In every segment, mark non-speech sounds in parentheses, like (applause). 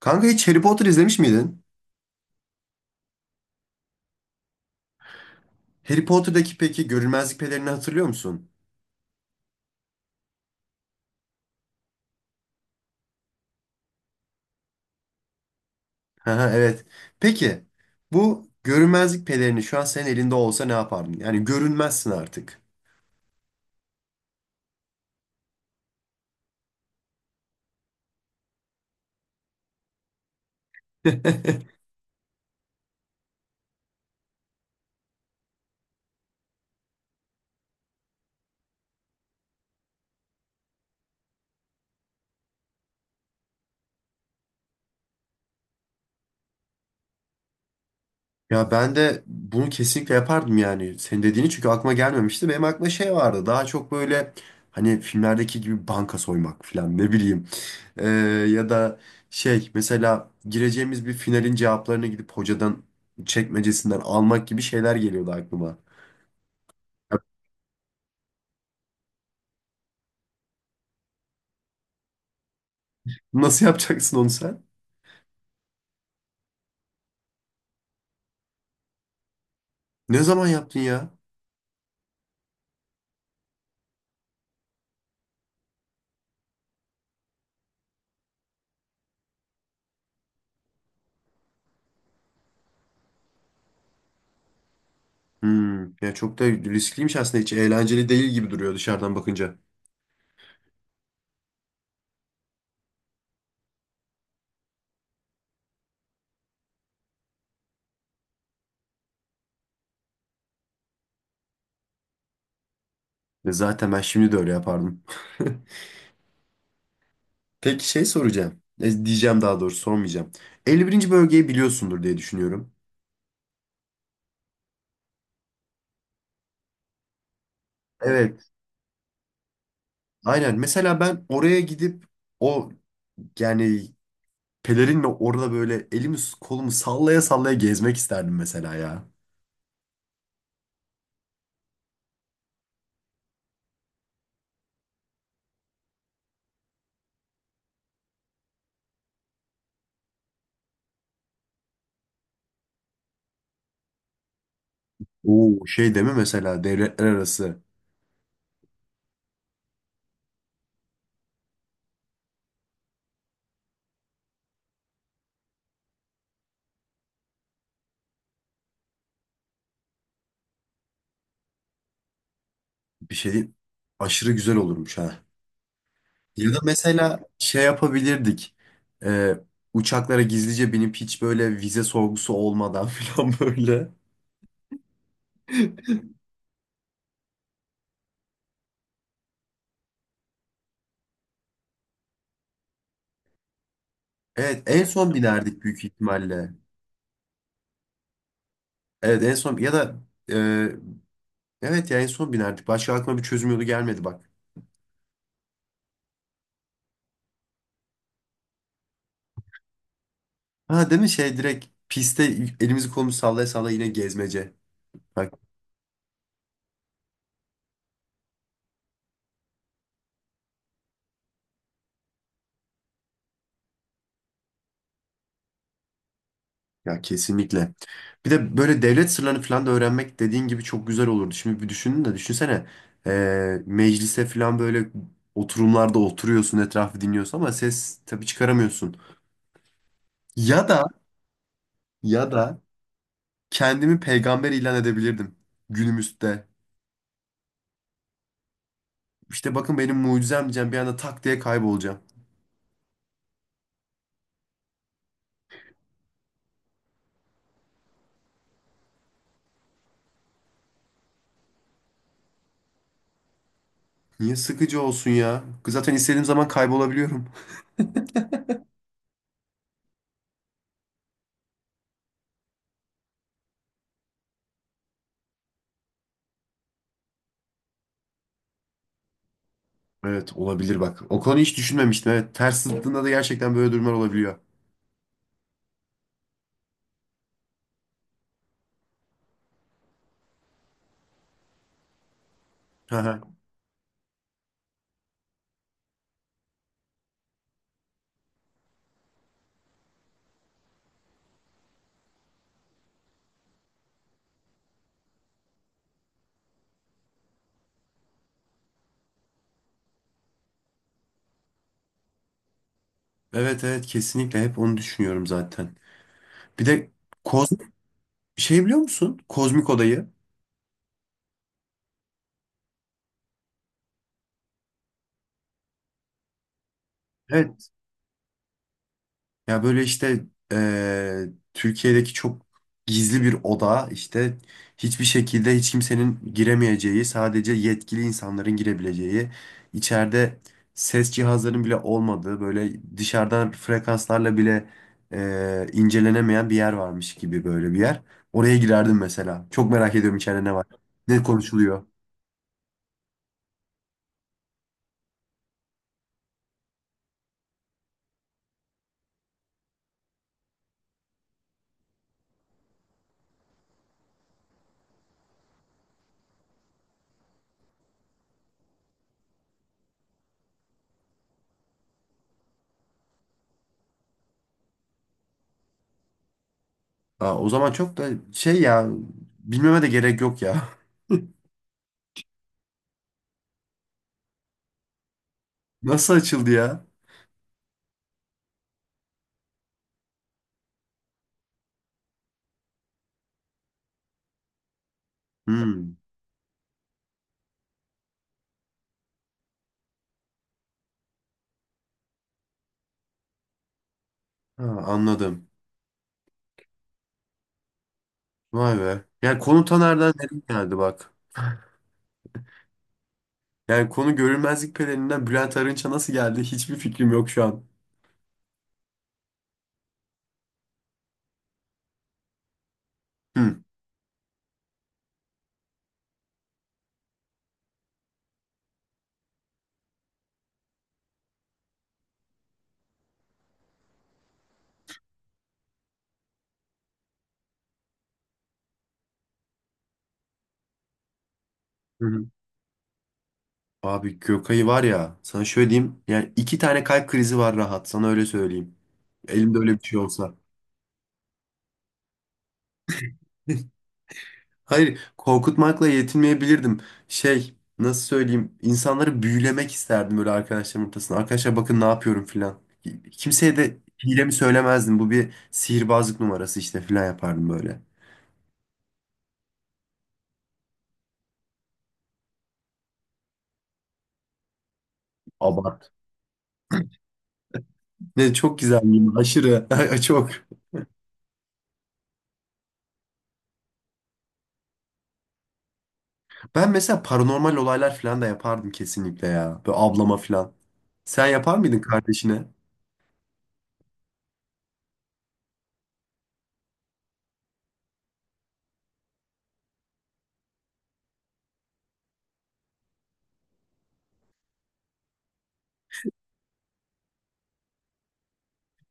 Kanka hiç Harry Potter izlemiş miydin? Harry Potter'daki peki görünmezlik pelerini hatırlıyor musun? Haha, evet. Peki bu görünmezlik pelerini şu an senin elinde olsa ne yapardın? Yani görünmezsin artık. (laughs) Ya ben de bunu kesinlikle yapardım yani. Senin dediğini çünkü aklıma gelmemişti. Benim aklıma şey vardı. Daha çok böyle hani filmlerdeki gibi banka soymak falan ne bileyim. Ee, Ya da şey mesela gireceğimiz bir finalin cevaplarını gidip hocadan çekmecesinden almak gibi şeyler geliyordu aklıma. Nasıl yapacaksın onu sen? Ne zaman yaptın ya? Hmm. Ya çok da riskliymiş aslında. Hiç eğlenceli değil gibi duruyor dışarıdan bakınca. Ya zaten ben şimdi de öyle yapardım. (laughs) Peki şey soracağım. Diyeceğim daha doğrusu, sormayacağım. 51. bölgeyi biliyorsundur diye düşünüyorum. Evet. Aynen. Mesela ben oraya gidip o, yani pelerinle orada böyle elimi kolumu sallaya sallaya gezmek isterdim mesela ya. Oo şey deme mesela, devletler arası bir şey aşırı güzel olurmuş ha. Ya da mesela şey yapabilirdik. Ee, Uçaklara gizlice binip hiç böyle vize sorgusu olmadan (laughs) falan böyle. Evet, en son binerdik büyük ihtimalle. Evet en son, ya da e, evet ya en son binerdik. Başka aklıma bir çözüm yolu gelmedi bak. Ha değil mi, şey direkt piste elimizi kolumuzu sallaya sallaya yine gezmece. Bak, ya kesinlikle. Bir de böyle devlet sırlarını falan da öğrenmek dediğin gibi çok güzel olurdu. Şimdi bir düşünün de düşünsene, meclise falan böyle oturumlarda oturuyorsun, etrafı dinliyorsun ama ses tabii çıkaramıyorsun. Ya da ya da kendimi peygamber ilan edebilirdim günümüzde. İşte bakın benim mucizem diyeceğim, bir anda tak diye kaybolacağım. Niye sıkıcı olsun ya? Zaten istediğim zaman kaybolabiliyorum. Evet olabilir bak. O konuyu hiç düşünmemiştim. Evet, ters zıttığında da gerçekten böyle durumlar olabiliyor. Hı hı. Evet, evet, kesinlikle hep onu düşünüyorum zaten. Bir de kozmik şey biliyor musun? Kozmik odayı. Evet. Ya böyle işte eee, Türkiye'deki çok gizli bir oda işte, hiçbir şekilde hiç kimsenin giremeyeceği, sadece yetkili insanların girebileceği, içeride ses cihazlarının bile olmadığı, böyle dışarıdan frekanslarla bile incelenemeyen bir yer varmış gibi böyle bir yer. Oraya girerdim mesela. Çok merak ediyorum içeride ne var. Ne konuşuluyor. Aa, o zaman çok da şey ya, bilmeme de gerek yok ya. (laughs) Nasıl açıldı ya? Hmm. Ha, anladım. Vay be. Yani konu Taner'den nereye geldi bak. Yani konu görünmezlik pelerinden Bülent Arınç'a nasıl geldi, hiçbir fikrim yok şu an. Hmm. Hı hı. Abi Gökay'ı var ya, sana şöyle diyeyim. Yani iki tane kalp krizi var rahat, sana öyle söyleyeyim. Elimde öyle bir şey olsa. (laughs) Hayır, korkutmakla yetinmeyebilirdim. Şey, nasıl söyleyeyim, insanları büyülemek isterdim böyle arkadaşlarım ortasında. Arkadaşlar bakın ne yapıyorum filan. Kimseye de hilemi söylemezdim. Bu bir sihirbazlık numarası işte filan yapardım böyle. Abart. Ne çok güzel değil, aşırı. (laughs) Ay, çok. Ben mesela paranormal olaylar filan da yapardım kesinlikle ya. Böyle ablama filan. Sen yapar mıydın kardeşine?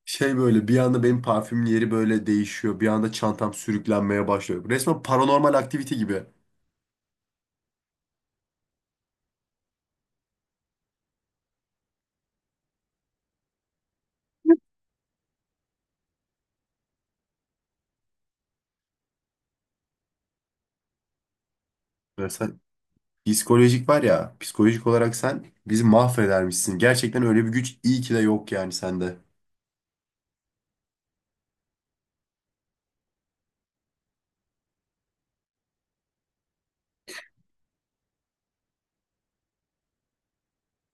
Şey, böyle bir anda benim parfümün yeri böyle değişiyor. Bir anda çantam sürüklenmeye başlıyor. Resmen paranormal aktivite gibi. Mesela psikolojik var ya, psikolojik olarak sen bizi mahvedermişsin. Gerçekten öyle bir güç iyi ki de yok yani sende.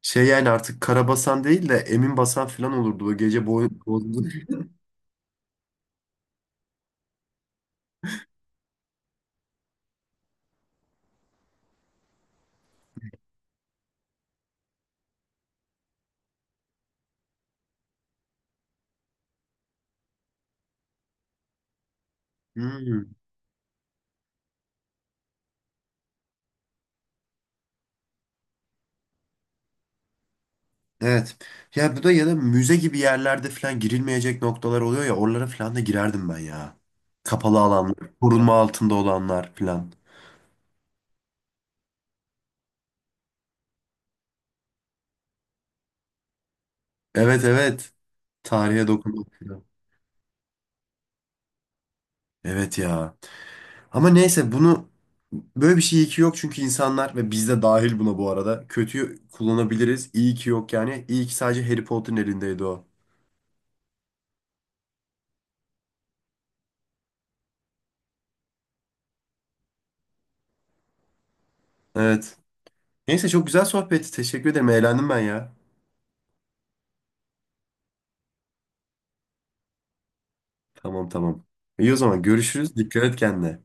Şey, yani artık Karabasan değil de Emin Basan falan olurdu o gece boy bozdu. (laughs) Hmm, evet. Ya bu da, ya da müze gibi yerlerde falan girilmeyecek noktalar oluyor ya, oralara falan da girerdim ben ya. Kapalı alanlar, korunma altında olanlar falan. Evet, evet. Tarihe dokunmak falan. Evet ya. Ama neyse bunu, böyle bir şey iyi ki yok çünkü insanlar ve biz de dahil buna, bu arada kötüyü kullanabiliriz. İyi ki yok yani. İyi ki sadece Harry Potter'ın elindeydi o. Evet. Neyse, çok güzel sohbetti. Teşekkür ederim. Eğlendim ben ya. Tamam, tamam. İyi, o zaman görüşürüz. Dikkat et kendine.